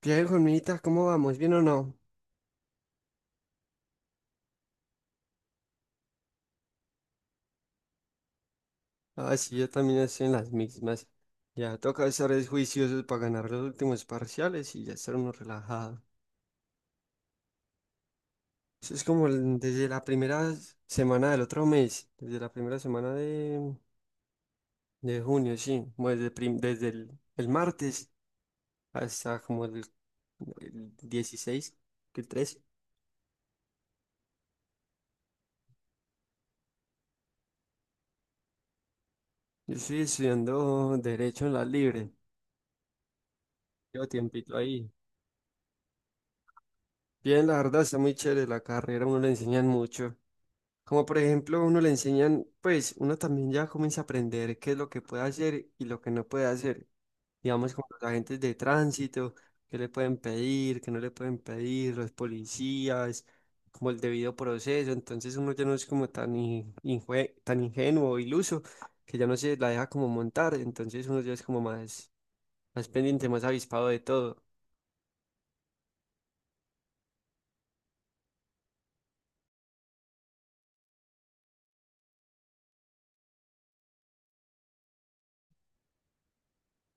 Diego, hermanita, ¿cómo vamos? ¿Bien o no? Ah, sí, yo también estoy en las mismas. Ya toca estar es juiciosos para ganar los últimos parciales y ya estar uno relajado. Eso es como desde la primera semana del otro mes, desde la primera semana de junio, sí, como desde, desde el martes hasta como el 16 que el 13. Yo estoy estudiando Derecho en la Libre, llevo tiempito ahí. Bien, la verdad está muy chévere la carrera, a uno le enseñan mucho. Como por ejemplo, uno le enseñan, pues uno también ya comienza a aprender qué es lo que puede hacer y lo que no puede hacer. Digamos, como los agentes de tránsito, qué le pueden pedir, qué no le pueden pedir, los policías, como el debido proceso. Entonces uno ya no es como tan, tan ingenuo o iluso que ya no se la deja como montar. Entonces uno ya es como más, más pendiente, más avispado de todo.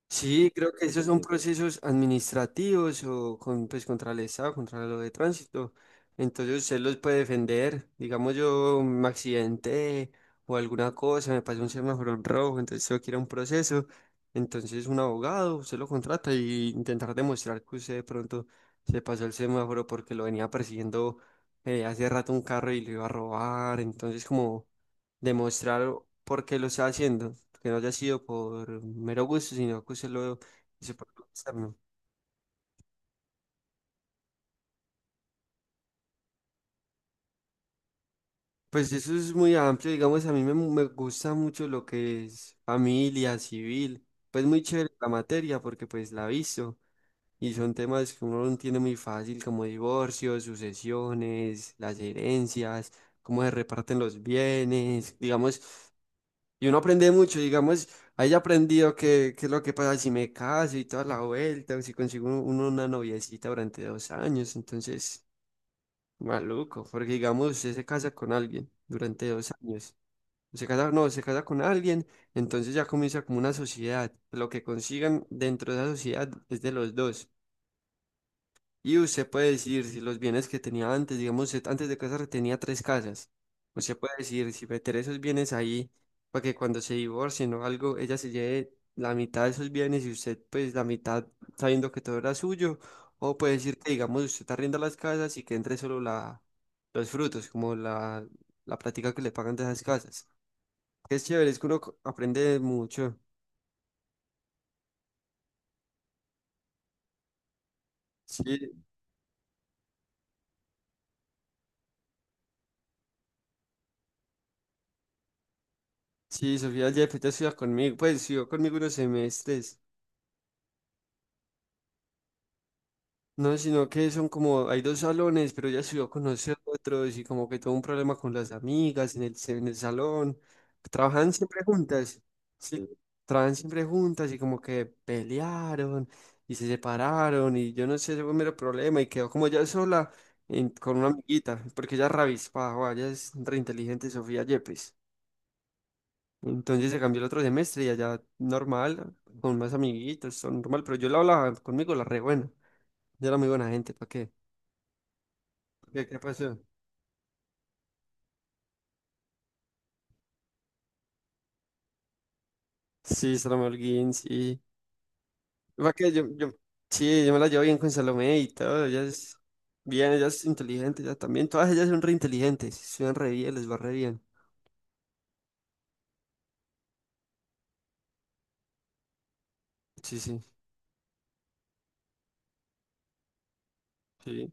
Sí, creo que esos son procesos administrativos o con, pues, contra el Estado, contra lo de tránsito. Entonces usted los puede defender. Digamos, yo me accidenté o alguna cosa, me pasó un semáforo en rojo, entonces tengo que ir a un proceso. Entonces un abogado, usted lo contrata y intentar demostrar que usted de pronto se pasó el semáforo porque lo venía persiguiendo hace rato un carro y lo iba a robar. Entonces como demostrar por qué lo está haciendo, que no haya sido por mero gusto, sino que usted lo hizo por gustarme. Pues eso es muy amplio, digamos, a mí me gusta mucho lo que es familia, civil, pues muy chévere la materia porque pues la he visto y son temas que uno no entiende muy fácil como divorcios, sucesiones, las herencias, cómo se reparten los bienes, digamos, y uno aprende mucho, digamos, ahí haya aprendido qué, qué es lo que pasa si me caso y toda la vuelta, o si consigo una noviecita durante dos años, entonces... Maluco, porque digamos, usted se casa con alguien durante dos años. Se casa, no, se casa con alguien, entonces ya comienza como una sociedad. Lo que consigan dentro de esa sociedad es de los dos. Y usted puede decir si los bienes que tenía antes, digamos, usted antes de casarse tenía tres casas. Usted puede decir si meter esos bienes ahí para que cuando se divorcien o algo, ella se lleve la mitad de esos bienes y usted pues la mitad, sabiendo que todo era suyo. O puede decir que, digamos, usted arrienda las casas y que entre solo la, los frutos, como la plática que le pagan de esas casas. Es chévere, es que aprende mucho. Sí, sí, Sofía Jeff, ella estudia conmigo, pues estudió conmigo unos semestres. No, sino que son como, hay dos salones, pero ella subió a conocer otros y como que tuvo un problema con las amigas en el, en el salón. Trabajan siempre juntas, sí, trabajan siempre juntas y como que pelearon y se separaron y yo no sé, ese fue un mero problema y quedó como ella sola con una amiguita, porque ella es rabiespaja, ella es re inteligente Sofía Yepes. Entonces se cambió el otro semestre y allá normal, con más amiguitos, son normal, pero yo la hablaba conmigo, la re buena, yo era muy buena gente, ¿para qué? ¿Qué, qué pasó? Sí, Salomé Holguín, sí. Va que yo, sí, yo me la llevo bien con Salomé y todo. Ella es bien, ella es inteligente, ella también. Todas ellas son re inteligentes, estudian re bien, les va re bien. Sí, sí, sí.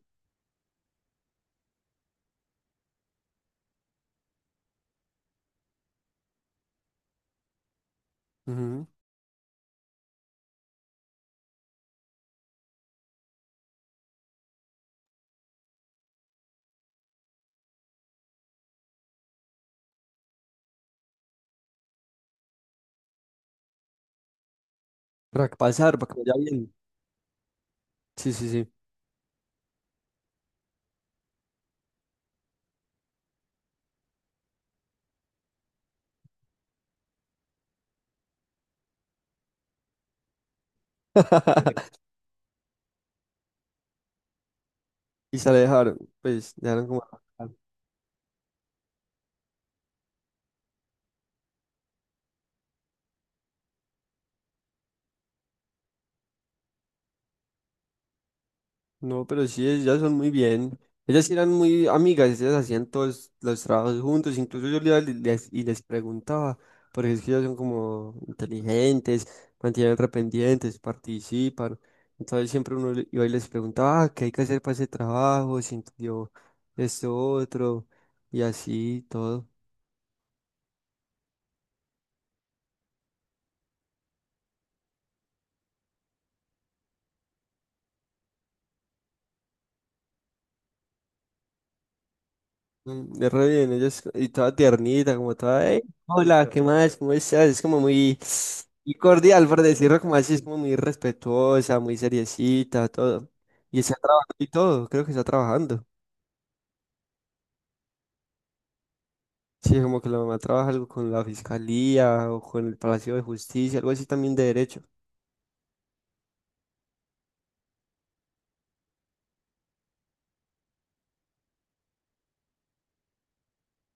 Ujú. Para que pasar, para que vaya bien. Sí, sí, sí. Y se la dejaron, pues, dejaron como. No, pero sí, ellas son muy bien. Ellas sí eran muy amigas, ellas hacían todos los trabajos juntos. Incluso yo les, y les preguntaba, porque es que ellas son como inteligentes, mantienen rependientes, participan. Entonces siempre iba y les preguntaba, ah, ¿qué hay que hacer para ese trabajo? Si entendió esto otro, y así todo. Mm, es re bien, y toda tiernita, como toda, "Hey, hola, ¿qué más? ¿Cómo estás?" Es como muy, muy cordial, por decirlo como así, es como muy respetuosa, muy seriecita, todo. Y está trabajando y todo, creo que está trabajando. Sí, como que la mamá trabaja algo con la fiscalía o con el Palacio de Justicia, algo así también de derecho.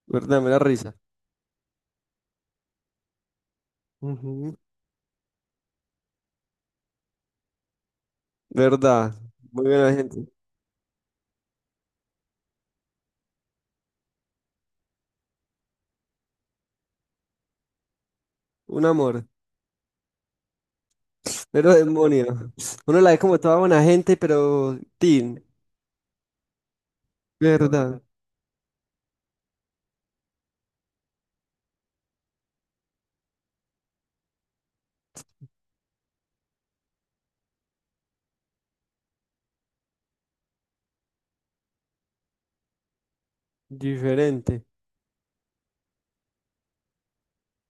¿Verdad? Me da risa. Ujú. ¿Verdad? Muy buena gente. Un amor. Pero demonio. Uno la ve como toda buena gente, pero... tin. ¿Verdad? Diferente.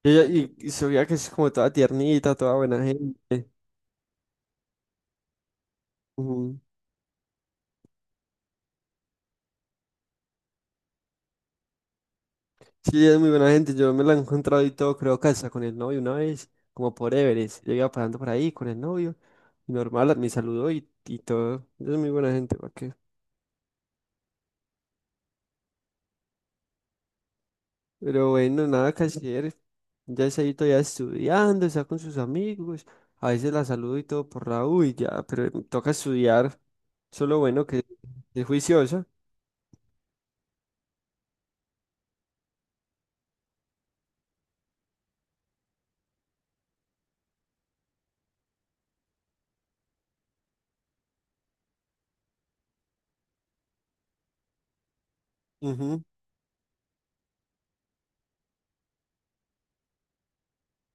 Y, y se veía que es como toda tiernita, toda buena gente. Ujú. Sí, ella es muy buena gente. Yo me la he encontrado y todo, creo que hasta con el novio una vez, como por Everest. Yo iba pasando por ahí con el novio y normal, me saludó y todo. Ella es muy buena gente, ¿para qué? Pero bueno, nada que hacer. Ya está ahí todavía estudiando, está con sus amigos. A veces la saludo y todo por la U y ya, pero toca estudiar. Solo bueno que es juiciosa.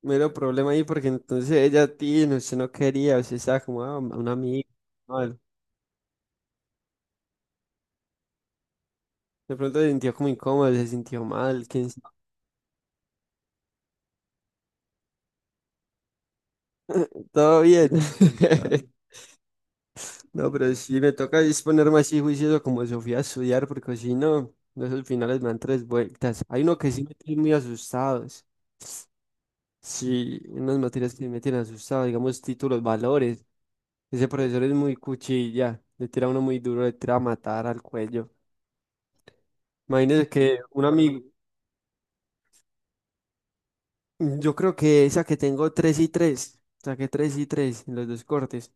Mero problema ahí porque entonces ella a ti, no, usted no quería, usted estaba como ah, un amigo, mal. De pronto se sintió como incómodo, se sintió mal, quién sabe. Todo bien. No, pero sí me toca disponerme así juicioso como Sofía a estudiar, porque si no, no, esos finales me dan tres vueltas. Hay uno que sí me tiene muy asustados. Sí, unas materias que sí me tienen asustado, digamos títulos, valores. Ese profesor es muy cuchilla, le tira a uno muy duro, le tira a matar al cuello. Imagínese que un amigo, mm, yo creo que esa que tengo 3 y 3. Saqué 3 y 3 en los dos cortes.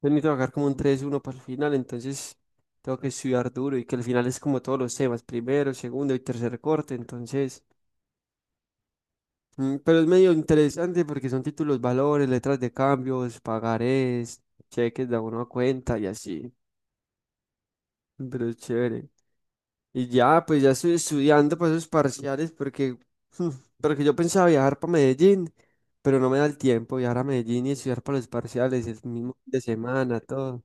Entonces necesito sacar como un tres uno para el final. Entonces tengo que estudiar duro y que al final es como todos los temas, primero, segundo y tercer corte. Entonces, pero es medio interesante porque son títulos, valores, letras de cambios, pagarés, cheques de abono a cuenta y así. Pero es chévere. Y ya, pues ya estoy estudiando para esos parciales porque, mm, porque yo pensaba viajar para Medellín, pero no me da el tiempo viajar a Medellín y estudiar para los parciales el mismo fin de semana, todo.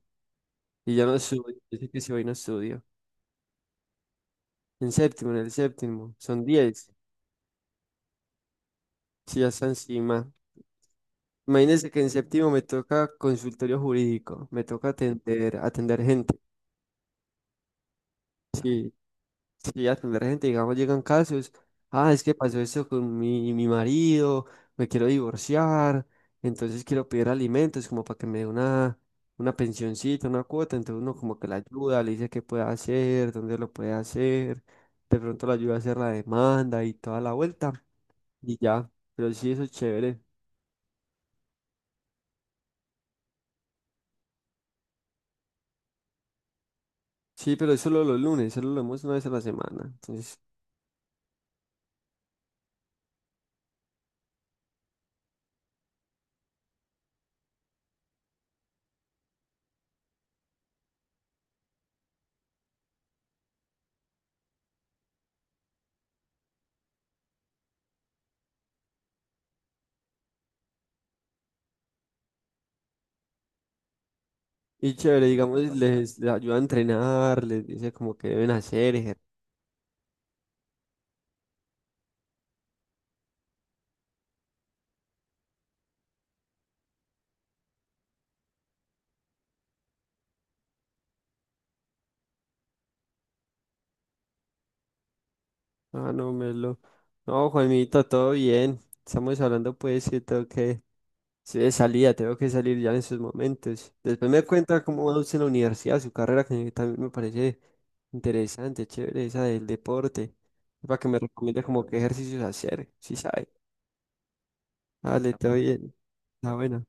Y ya no estudio, yo sé que si hoy no estudio. En séptimo, en el séptimo, son 10 si ya está encima. Imagínense que en séptimo me toca consultorio jurídico, me toca atender, atender gente. Sí, y a atender gente, digamos, llegan casos, ah, es que pasó esto con mi, mi marido, me quiero divorciar, entonces quiero pedir alimentos como para que me dé una pensioncita, una cuota, entonces uno como que la ayuda, le dice qué puede hacer, dónde lo puede hacer, de pronto lo ayuda a hacer la demanda y toda la vuelta, y ya, pero sí, eso es chévere. Sí, pero es solo los lunes, solo lo vemos una vez a la semana, entonces... Y chévere, digamos, les ayuda a entrenar, les dice como que deben hacer. Ah, no, melo. No, Juanmito, todo bien. Estamos hablando pues, sí, tengo que... Sí, de salida, tengo que salir ya en esos momentos. Después me cuenta cómo va usted en la universidad, su carrera, que también me parece interesante, chévere, esa del deporte. Para que me recomiende como qué ejercicios hacer, sí sabe. Dale, todo bien. Está bueno.